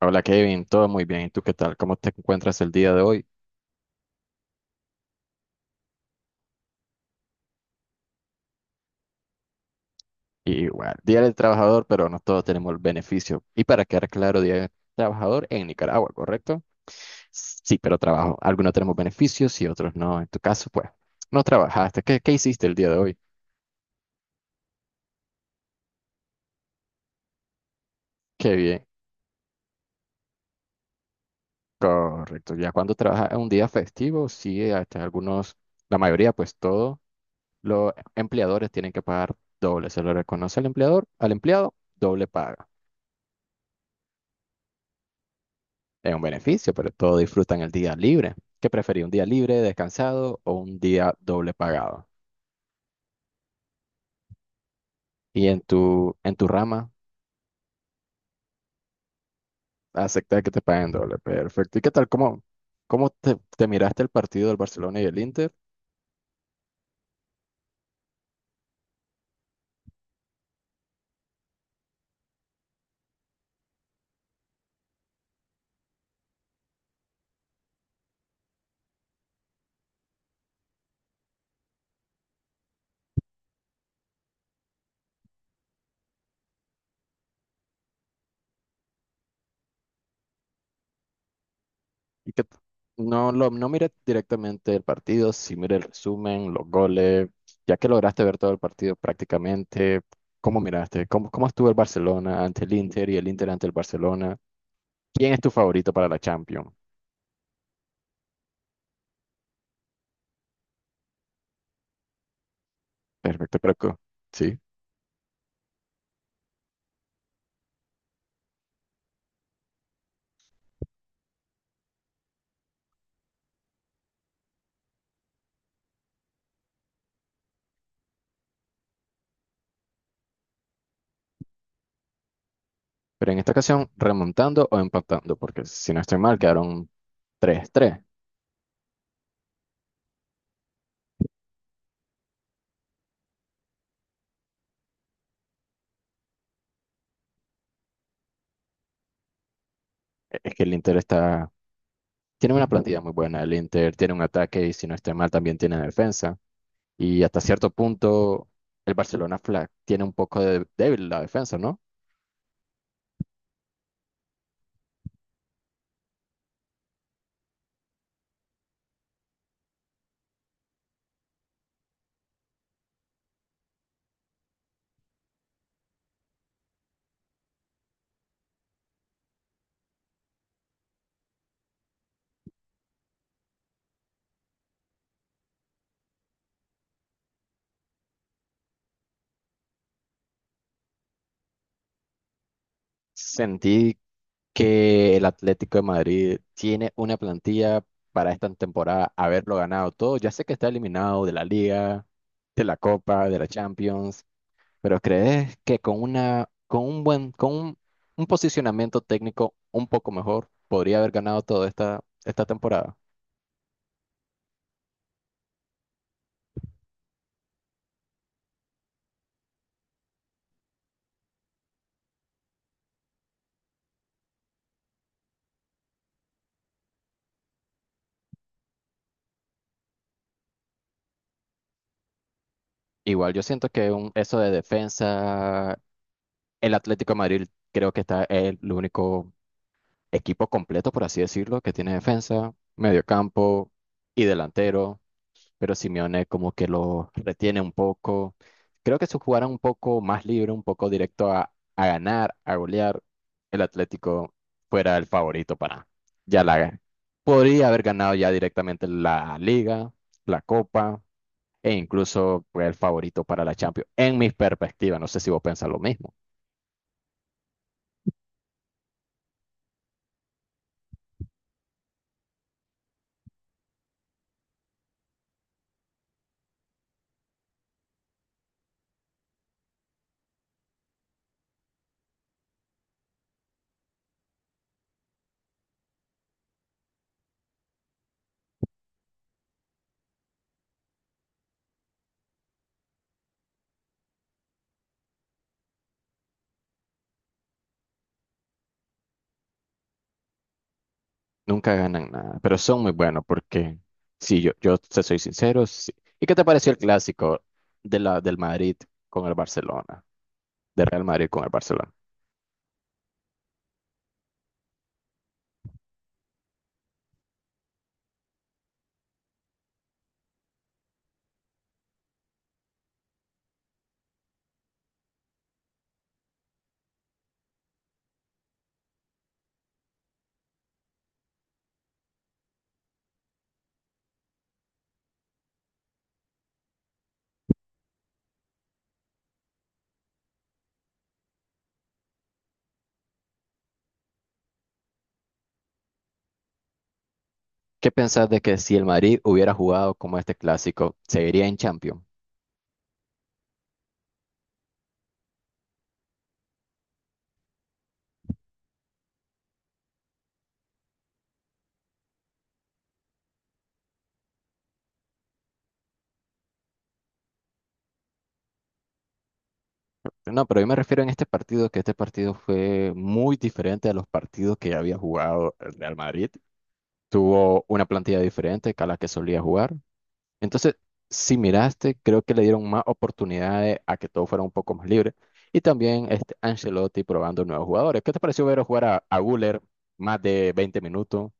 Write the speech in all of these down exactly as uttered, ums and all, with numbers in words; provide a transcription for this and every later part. Hola Kevin, todo muy bien. ¿Y tú qué tal? ¿Cómo te encuentras el día de hoy? Y bueno, Día del Trabajador, pero no todos tenemos el beneficio. Y para quedar claro, Día del Trabajador en Nicaragua, ¿correcto? Sí, pero trabajo. Algunos tenemos beneficios y otros no. En tu caso, pues, no trabajaste. ¿Qué, qué hiciste el día de hoy? Qué bien. Correcto. Ya cuando trabajas en un día festivo, sí, hasta algunos, la mayoría, pues todos los empleadores tienen que pagar doble. Se lo reconoce al empleador, al empleado, doble paga. Es un beneficio, pero todos disfrutan el día libre. ¿Qué preferís, un día libre, descansado o un día doble pagado? Y en tu, en tu rama, aceptar que te paguen doble. Perfecto. ¿Y qué tal? ¿Cómo, cómo te, te miraste el partido del Barcelona y el Inter? ¿Y qué t- no, lo, no miré directamente el partido, sí miré el resumen, los goles, ya que lograste ver todo el partido prácticamente. ¿Cómo miraste? ¿Cómo, cómo estuvo el Barcelona ante el Inter y el Inter ante el Barcelona? ¿Quién es tu favorito para la Champions? Perfecto, Croco. Sí. Pero en esta ocasión, remontando o empatando, porque si no estoy mal, quedaron tres tres. E- Es que el Inter está, tiene una plantilla muy buena. El Inter tiene un ataque y si no estoy mal, también tiene defensa. Y hasta cierto punto, el Barcelona Flag tiene un poco de débil la defensa, ¿no? Sentí que el Atlético de Madrid tiene una plantilla para esta temporada haberlo ganado todo. Ya sé que está eliminado de la Liga, de la Copa, de la Champions. Pero ¿crees que con una, con un buen, con un, un posicionamiento técnico un poco mejor, podría haber ganado toda esta, esta temporada? Igual yo siento que un- eso de defensa, el Atlético de Madrid creo que está el, el único equipo completo, por así decirlo, que tiene defensa, mediocampo y delantero. Pero Simeone como que lo retiene un poco. Creo que si jugara un poco más libre, un poco directo a, a ganar, a golear, el Atlético fuera el favorito para ya la podría haber ganado ya directamente la Liga, la Copa e incluso fue el favorito para la Champions. En mi perspectiva, no sé si vos pensás lo mismo. Nunca ganan nada, pero son muy buenos porque si yo yo te soy sincero, sí. ¿Y qué te pareció el clásico de la del Madrid con el Barcelona? De Real Madrid con el Barcelona. ¿Qué pensás de que si el Madrid hubiera jugado como este clásico, seguiría en Champions? No, pero yo me refiero en este partido, que este partido fue muy diferente a los partidos que ya había jugado el Real Madrid. Tuvo una plantilla diferente que a la que solía jugar. Entonces, si miraste, creo que le dieron más oportunidades a que todo fuera un poco más libre. Y también este Ancelotti probando nuevos jugadores. ¿Qué te pareció ver jugar a, a Güler más de veinte minutos?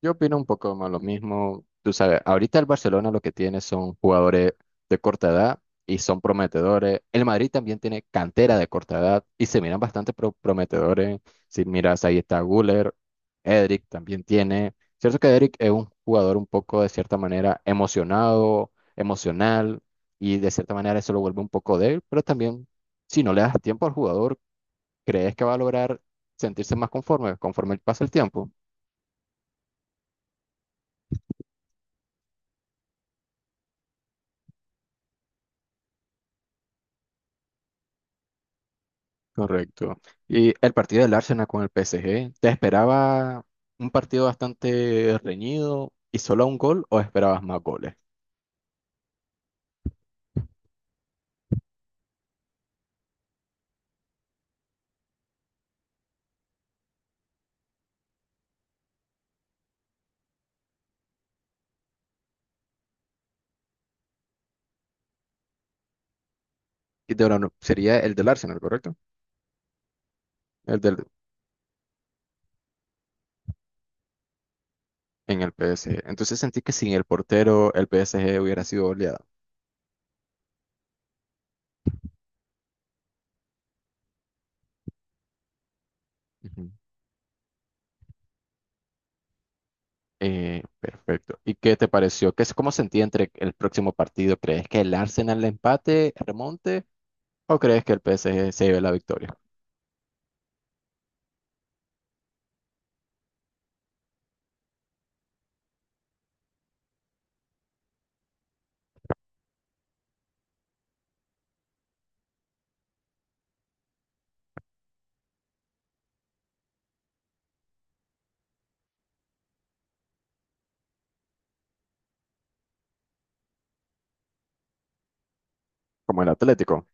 Yo opino un poco más lo mismo. Tú sabes, ahorita el Barcelona lo que tiene son jugadores de corta edad y son prometedores. El Madrid también tiene cantera de corta edad y se miran bastante pro- prometedores. Si miras, ahí está Guller, Edric también tiene. Cierto que Edric es un jugador un poco de cierta manera emocionado, emocional y de cierta manera eso lo vuelve un poco débil, pero también si no le das tiempo al jugador, ¿crees que va a lograr sentirse más conforme conforme pasa el tiempo? Correcto. Y el partido del Arsenal con el P S G, ¿te esperaba un partido bastante reñido y solo un gol o esperabas más goles? Y de ahora no- sería el del Arsenal, ¿correcto? El del en el P S G. Entonces sentí que sin el portero el P S G hubiera sido goleado. Ujú. Eh, perfecto. ¿Y qué te pareció? ¿Qué, es- ¿cómo sentí entre el próximo partido? ¿Crees que el Arsenal le empate, remonte o crees que el P S G se lleve la victoria? Como el Atlético.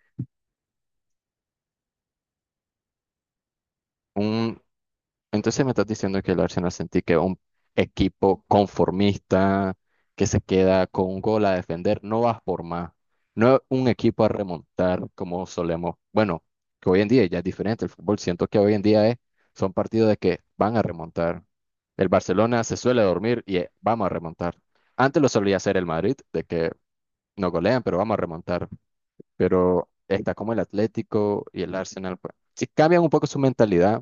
Entonces me estás diciendo que el Arsenal sentí que un equipo conformista que se queda con un gol a defender no va por más. No es un equipo a remontar como solemos. Bueno, que hoy en día ya es diferente el fútbol. Siento que hoy en día es, son partidos de que van a remontar. El Barcelona se suele dormir y eh, vamos a remontar. Antes lo solía hacer el Madrid, de que no golean, pero vamos a remontar. Pero está como el Atlético y el Arsenal, pues. Si cambian un poco su mentalidad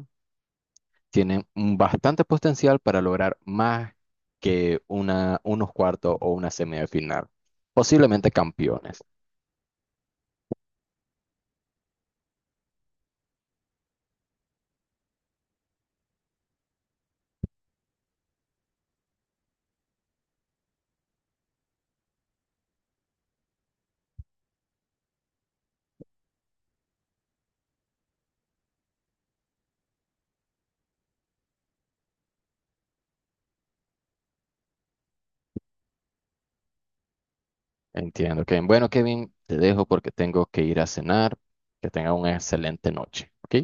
tienen un bastante potencial para lograr más que una, unos cuartos o una semifinal, posiblemente campeones. Entiendo, Kevin. Bueno, Kevin, te dejo porque tengo que ir a cenar. Que tenga una excelente noche, ¿ok?